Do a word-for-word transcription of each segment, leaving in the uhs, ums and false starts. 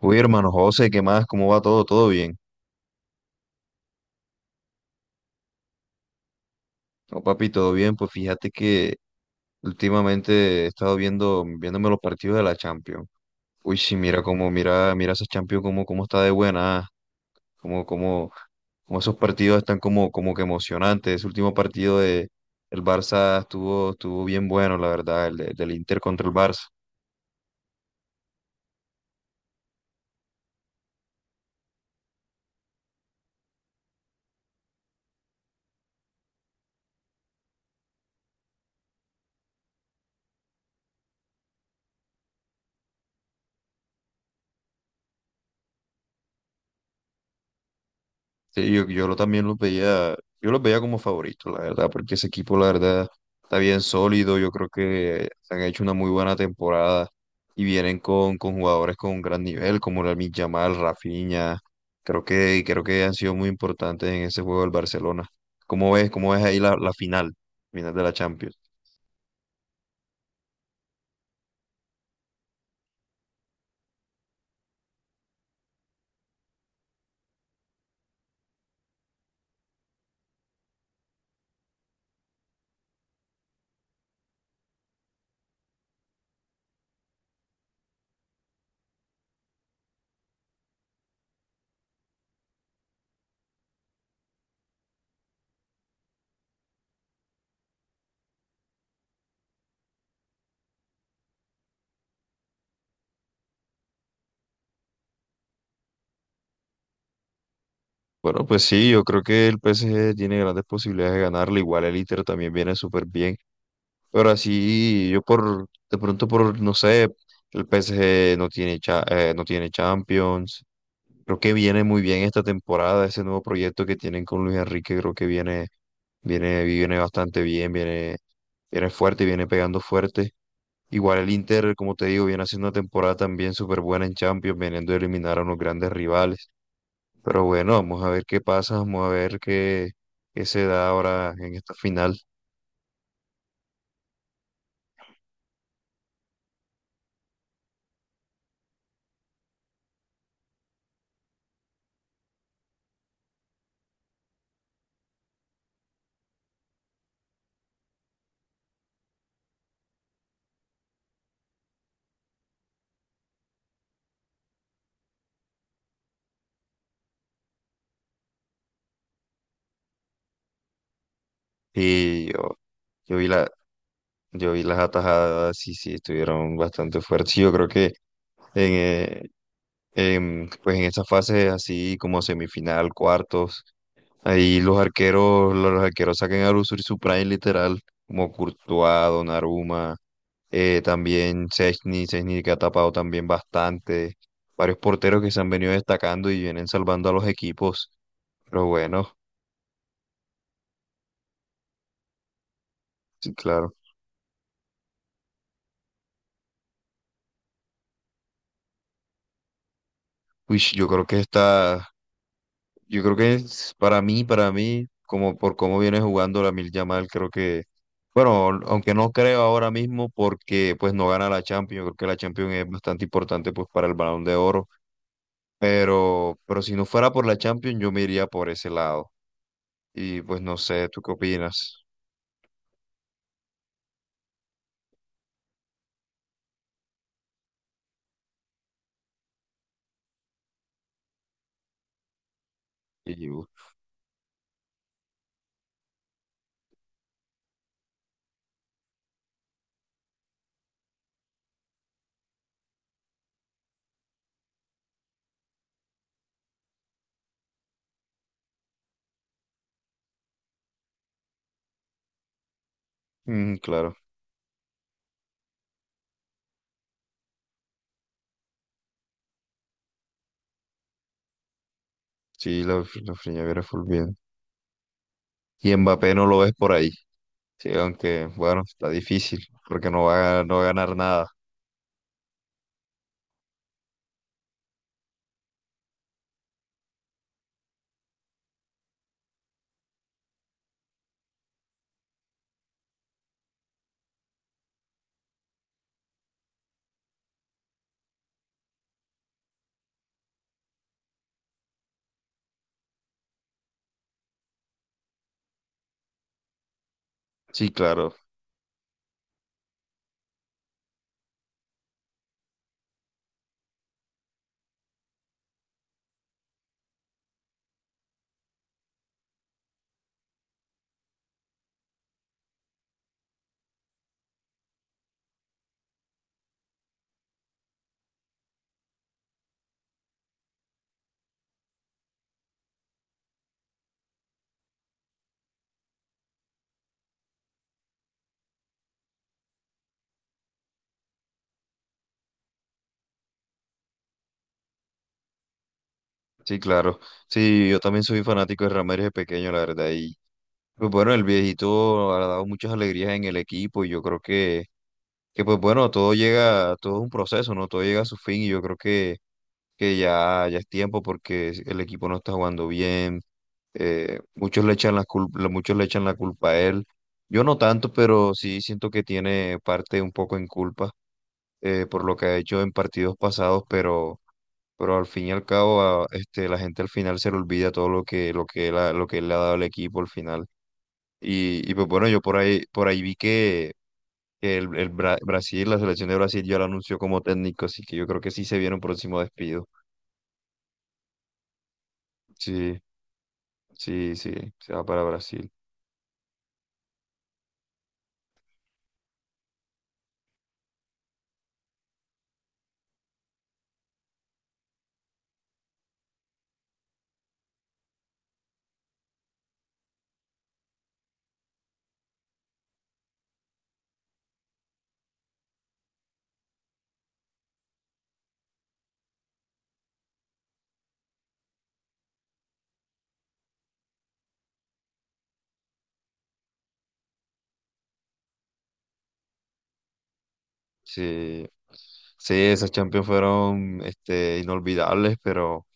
Uy, hermano José, ¿qué más? ¿Cómo va todo? ¿Todo bien? No, papi, todo bien. Pues fíjate que últimamente he estado viendo, viéndome los partidos de la Champions. Uy, sí, mira cómo, mira, mira esa Champions, cómo, cómo está de buena, como, como, como esos partidos están como, como que emocionantes. Ese último partido de el Barça estuvo, estuvo bien bueno, la verdad, el de- del Inter contra el Barça. Sí, yo, yo lo también los veía, yo los veía como favoritos, la verdad, porque ese equipo, la verdad, está bien sólido. Yo creo que han hecho una muy buena temporada y vienen con, con jugadores con un gran nivel, como Lamine Yamal, Rafinha. Creo que, creo que han sido muy importantes en ese juego del Barcelona. ¿Cómo ves, cómo ves ahí la, la final, final de la Champions? Bueno, pues sí, yo creo que el P S G tiene grandes posibilidades de ganarle. Igual el Inter también viene súper bien. Pero así, yo por, de pronto por, no sé. El P S G no tiene, cha- eh, no tiene Champions. Creo que viene muy bien esta temporada, ese nuevo proyecto que tienen con Luis Enrique, creo que viene, viene, viene bastante bien, viene, viene fuerte, viene pegando fuerte. Igual el Inter, como te digo, viene haciendo una temporada también súper buena en Champions, veniendo a eliminar a unos grandes rivales. Pero bueno, vamos a ver qué pasa, vamos a ver qué, qué se da ahora en esta final. Y yo, yo vi la, Yo vi las atajadas y sí, estuvieron bastante fuertes. Yo creo que en, eh, em, pues en esa fase así como semifinal, cuartos, ahí los arqueros, los arqueros sacan a lucir su prime literal, como Courtois, Donnarumma, eh, también Szczęsny, Szczęsny que ha tapado también bastante, varios porteros que se han venido destacando y vienen salvando a los equipos, pero bueno, sí, claro. Uy, yo creo que esta, Yo creo que es para mí, para mí, como por cómo viene jugando la Mil Yamal, creo que, bueno, aunque no creo ahora mismo porque pues no gana la Champions, yo creo que la Champions es bastante importante pues para el Balón de Oro, pero, pero si no fuera por la Champions yo me iría por ese lado. Y pues no sé, ¿tú qué opinas? Y yo, mm, claro, sí, la, la Freñavera fue bien. Y Mbappé no lo ves por ahí, sí, aunque bueno, está difícil porque no va a, no va a ganar nada. Sí, claro. Sí, claro. Sí, yo también soy fanático de Ramírez de pequeño, la verdad. Y pues bueno, el viejito ha dado muchas alegrías en el equipo y yo creo que, que pues bueno, todo llega, todo es un proceso, ¿no? Todo llega a su fin y yo creo que, que ya, ya es tiempo porque el equipo no está jugando bien. eh, muchos le echan la culpa, muchos le echan la culpa a él. Yo no tanto, pero sí siento que tiene parte un poco en culpa, eh, por lo que ha hecho en partidos pasados, pero, pero al fin y al cabo, a- este, la gente al final se le olvida todo lo que, lo que él ha- lo que él le ha dado al equipo al final. Y, y pues bueno, yo por ahí, por ahí vi que, que el, el Bra- Brasil, la selección de Brasil ya lo anunció como técnico, así que yo creo que sí se viene un próximo despido. Sí, sí, sí, se va para Brasil. Sí, sí, esas Champions fueron este, inolvidables, pero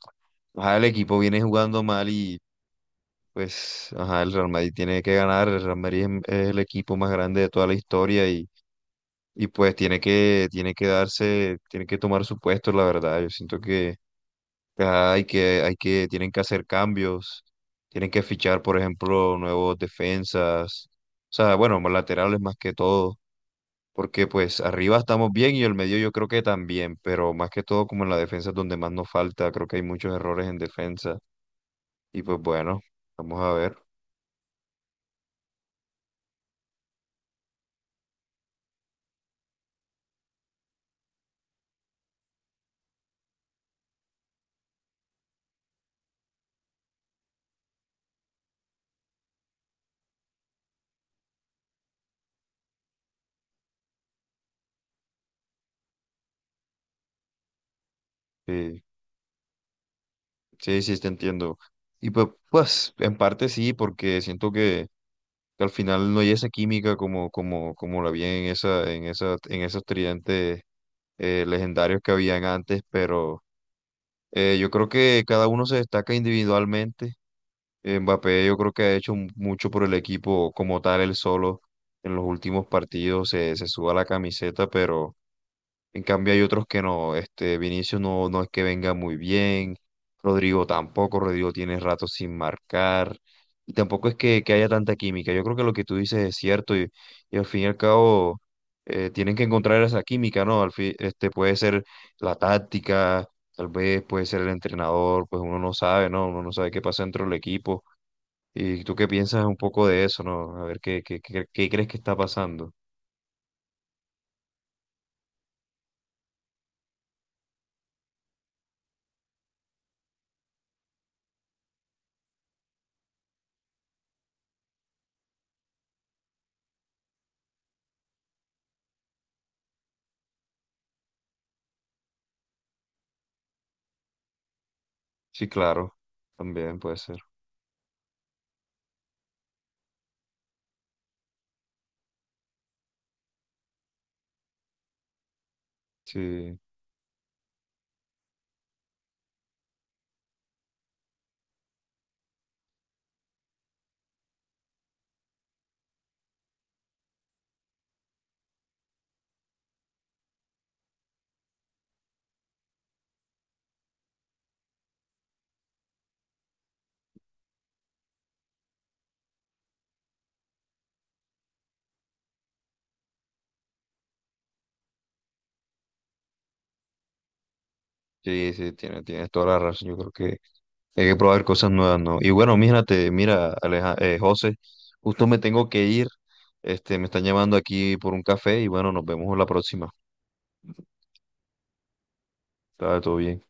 ajá, el equipo viene jugando mal y pues ajá, el Real Madrid tiene que ganar. El Real Madrid es, es el equipo más grande de toda la historia y, y pues tiene que, tiene que darse, tiene que tomar su puesto, la verdad. Yo siento que Ah, Hay que, hay que, tienen que hacer cambios, tienen que fichar, por ejemplo, nuevos defensas, o sea, bueno, más laterales más que todo, porque pues arriba estamos bien y el medio yo creo que también, pero más que todo como en la defensa es donde más nos falta, creo que hay muchos errores en defensa y pues bueno, vamos a ver. Sí. Sí, sí, te entiendo. Y pues, pues, en parte sí, porque siento que, que al final no hay esa química como, como, como la había en esa, en esa, en esos tridentes eh, legendarios que habían antes, pero eh, yo creo que cada uno se destaca individualmente. Mbappé yo creo que ha hecho mu- mucho por el equipo como tal, él solo en los últimos partidos se, se suba la camiseta, pero en cambio hay otros que no, este Vinicius no, no es que venga muy bien, Rodrigo tampoco, Rodrigo tiene rato sin marcar, y tampoco es que, que haya tanta química. Yo creo que lo que tú dices es cierto y, y al fin y al cabo eh, tienen que encontrar esa química, ¿no? Al fin, este puede ser la táctica, tal vez puede ser el entrenador, pues uno no sabe, ¿no? Uno no sabe qué pasa dentro del equipo. ¿Y tú qué piensas un poco de eso, ¿no? A ver qué, qué, qué, qué crees que está pasando. Sí, claro, también puede ser. Sí. Sí, sí, tienes, tienes toda la razón. Yo creo que hay que probar cosas nuevas, ¿no? Y bueno, mírate, mira, Aleja, eh, José, justo me tengo que ir. Este, me están llamando aquí por un café y bueno, nos vemos la próxima. Está todo bien.